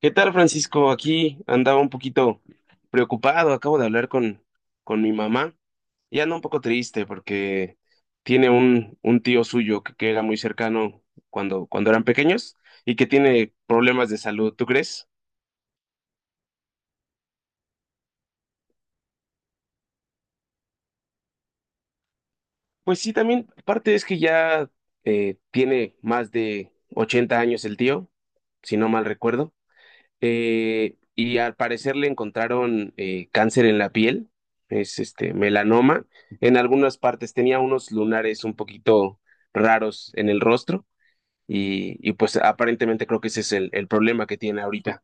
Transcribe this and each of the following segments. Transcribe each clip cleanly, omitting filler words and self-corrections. ¿Qué tal, Francisco? Aquí andaba un poquito preocupado. Acabo de hablar con mi mamá y anda un poco triste porque tiene un tío suyo que era muy cercano cuando eran pequeños y que tiene problemas de salud. ¿Tú crees? Pues sí, también parte es que ya tiene más de 80 años el tío, si no mal recuerdo. Y al parecer le encontraron cáncer en la piel, es este melanoma. En algunas partes tenía unos lunares un poquito raros en el rostro y pues aparentemente creo que ese es el problema que tiene ahorita.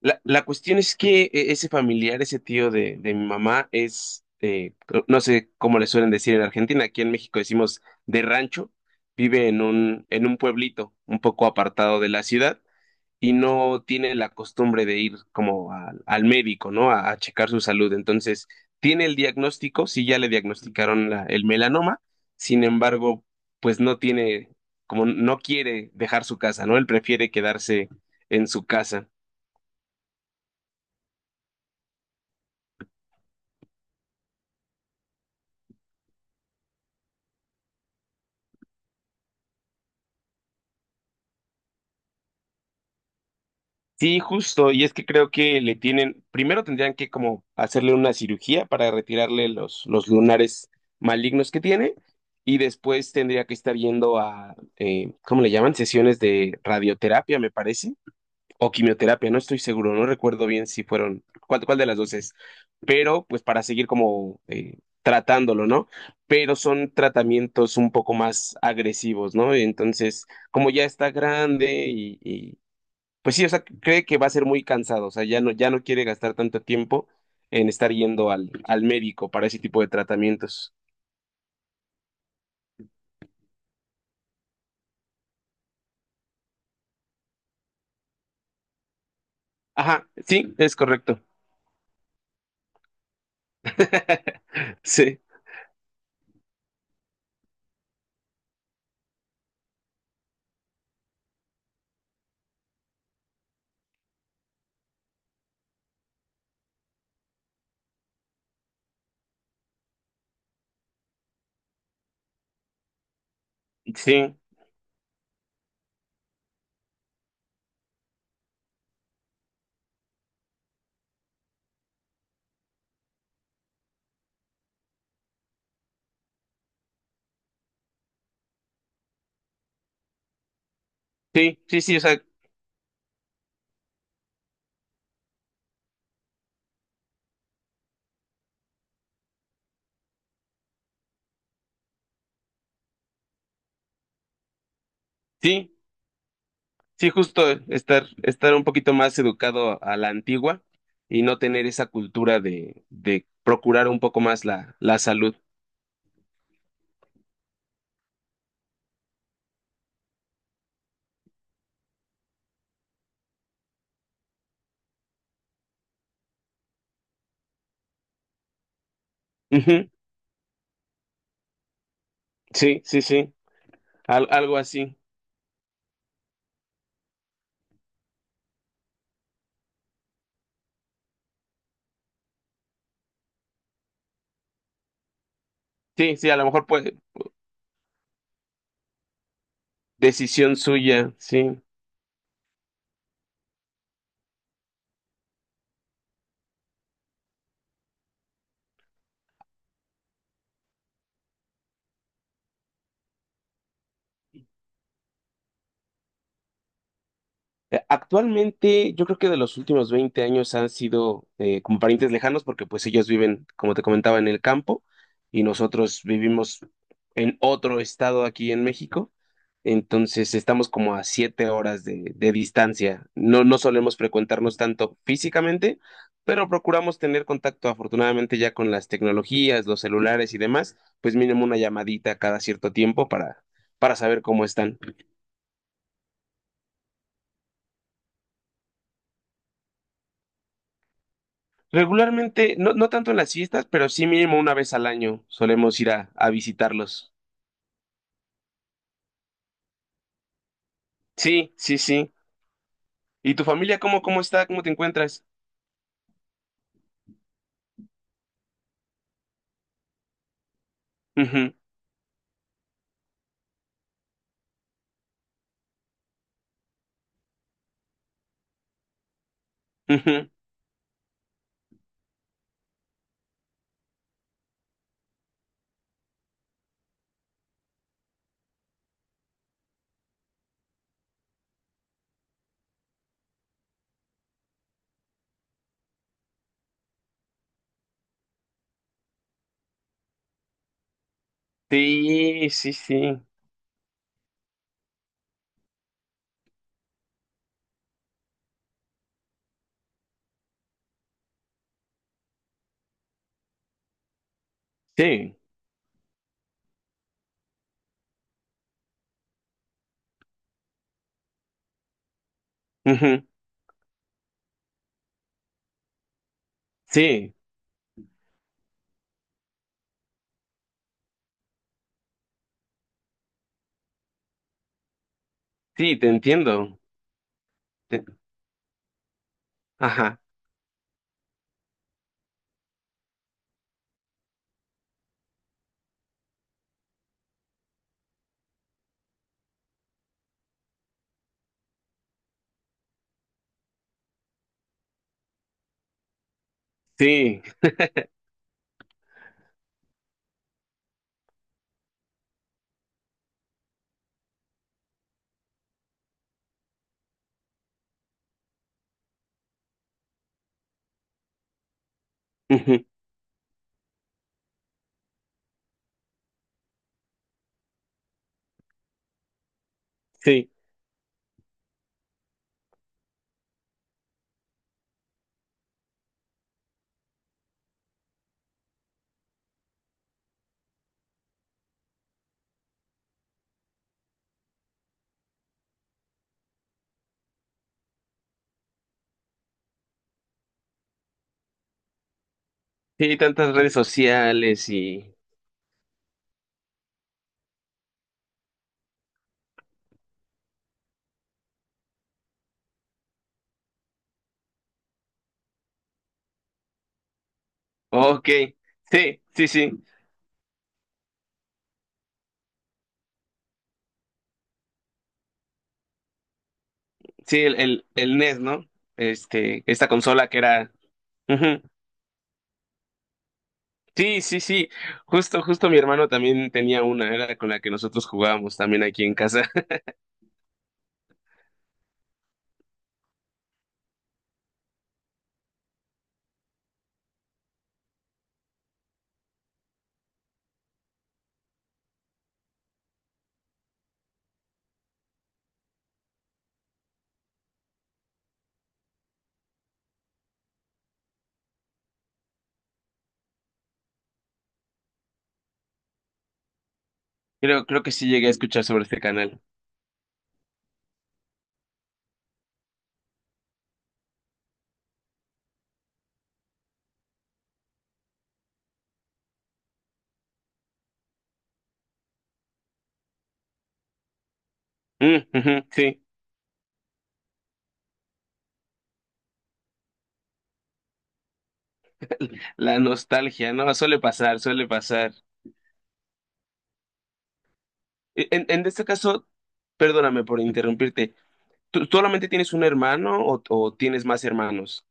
La cuestión es que ese familiar, ese tío de mi mamá es, no sé cómo le suelen decir en Argentina, aquí en México decimos de rancho, vive en un pueblito un poco apartado de la ciudad y no tiene la costumbre de ir como al médico, ¿no? A checar su salud. Entonces, tiene el diagnóstico, sí ya le diagnosticaron el melanoma, sin embargo, pues no tiene, como no quiere dejar su casa, ¿no? Él prefiere quedarse en su casa. Sí, justo, y es que creo que le tienen, primero tendrían que como hacerle una cirugía para retirarle los lunares malignos que tiene, y después tendría que estar yendo a, ¿cómo le llaman? Sesiones de radioterapia, me parece, o quimioterapia, no estoy seguro, no recuerdo bien si fueron, cuál de las dos es, pero pues para seguir como tratándolo, ¿no? Pero son tratamientos un poco más agresivos, ¿no? Entonces, como ya está grande y, pues sí, o sea, cree que va a ser muy cansado, o sea, ya no quiere gastar tanto tiempo en estar yendo al médico para ese tipo de tratamientos. Ajá, sí, es correcto. Sí, sí, sí, sí, sí, o sea, sí, sí, justo estar un poquito más educado a la antigua y no tener esa cultura de procurar un poco más la salud. Ujú. Sí, sí, sí, algo así. Sí, sí, a lo mejor pues decisión suya, sí. Actualmente, yo creo que de los últimos 20 años han sido como parientes lejanos porque pues ellos viven, como te comentaba, en el campo y nosotros vivimos en otro estado aquí en México. Entonces estamos como a 7 horas de distancia. No, no solemos frecuentarnos tanto físicamente, pero procuramos tener contacto afortunadamente ya con las tecnologías, los celulares y demás, pues mínimo una llamadita cada cierto tiempo para saber cómo están. Regularmente, no, no tanto en las fiestas, pero sí mínimo una vez al año solemos ir a visitarlos. Sí, sí, sí. ¿Y tu familia cómo está? ¿Cómo te encuentras? Ujú, ujú. Sí, sí, sí. Sí, ujú. Sí, sí, te entiendo. Te- Ajá, sí, ujú. Sí, sí, tantas redes sociales y... Ok, sí, sí, sí. Sí, el NES, ¿no? Esta consola que era... Ujú. Sí, sí, sí. Justo mi hermano también tenía una, era con la que nosotros jugábamos también aquí en casa. Creo que sí llegué a escuchar sobre este canal. Mm, ujú, sí, la nostalgia, ¿no? Suele pasar, suele pasar. En este caso, perdóname por interrumpirte. ¿Tú solamente tienes un hermano o tienes más hermanos?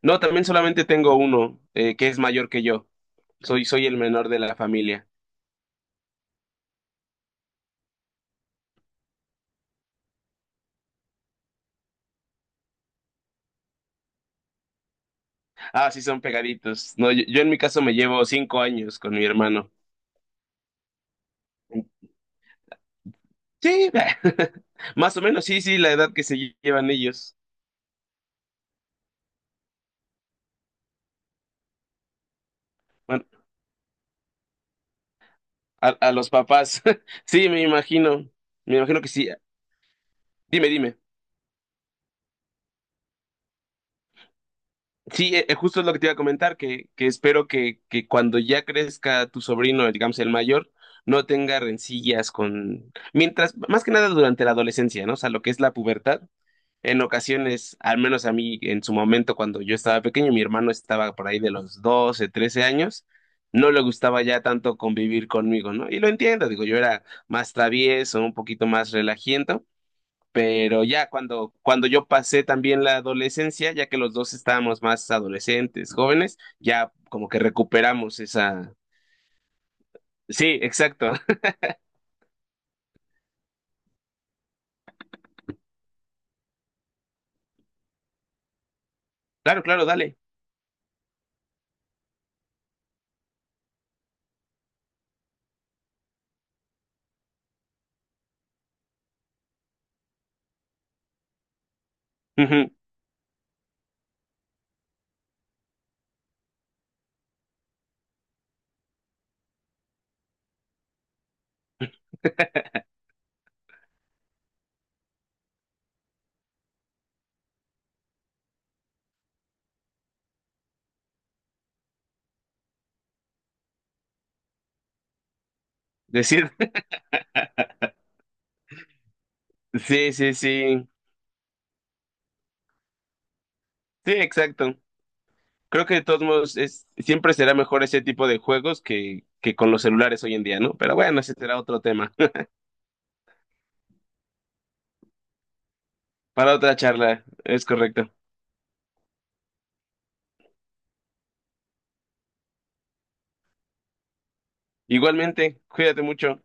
No, también solamente tengo uno, que es mayor que yo. Soy el menor de la familia. Ah, sí, son pegaditos. No, yo en mi caso me llevo 5 años con mi hermano. Sí, más o menos, sí, sí, la edad que se llevan ellos. Bueno, a los papás. Sí, me imagino que sí. Dime, dime. Sí, justo es lo que te iba a comentar, que espero que cuando ya crezca tu sobrino, digamos el mayor, no tenga rencillas con... Mientras, más que nada durante la adolescencia, ¿no? O sea, lo que es la pubertad. En ocasiones, al menos a mí en su momento cuando yo estaba pequeño, mi hermano estaba por ahí de los 12, 13 años, no le gustaba ya tanto convivir conmigo, ¿no? Y lo entiendo, digo, yo era más travieso, un poquito más relajiento, pero ya cuando yo pasé también la adolescencia, ya que los dos estábamos más adolescentes, jóvenes, ya como que recuperamos esa... Sí, exacto. Claro, claro, dale. Decir, sí, sí, sí. Sí, exacto. Creo que de todos modos es, siempre será mejor ese tipo de juegos que con los celulares hoy en día, ¿no? Pero bueno, ese será otro tema. Para otra charla, es correcto. Igualmente, cuídate mucho.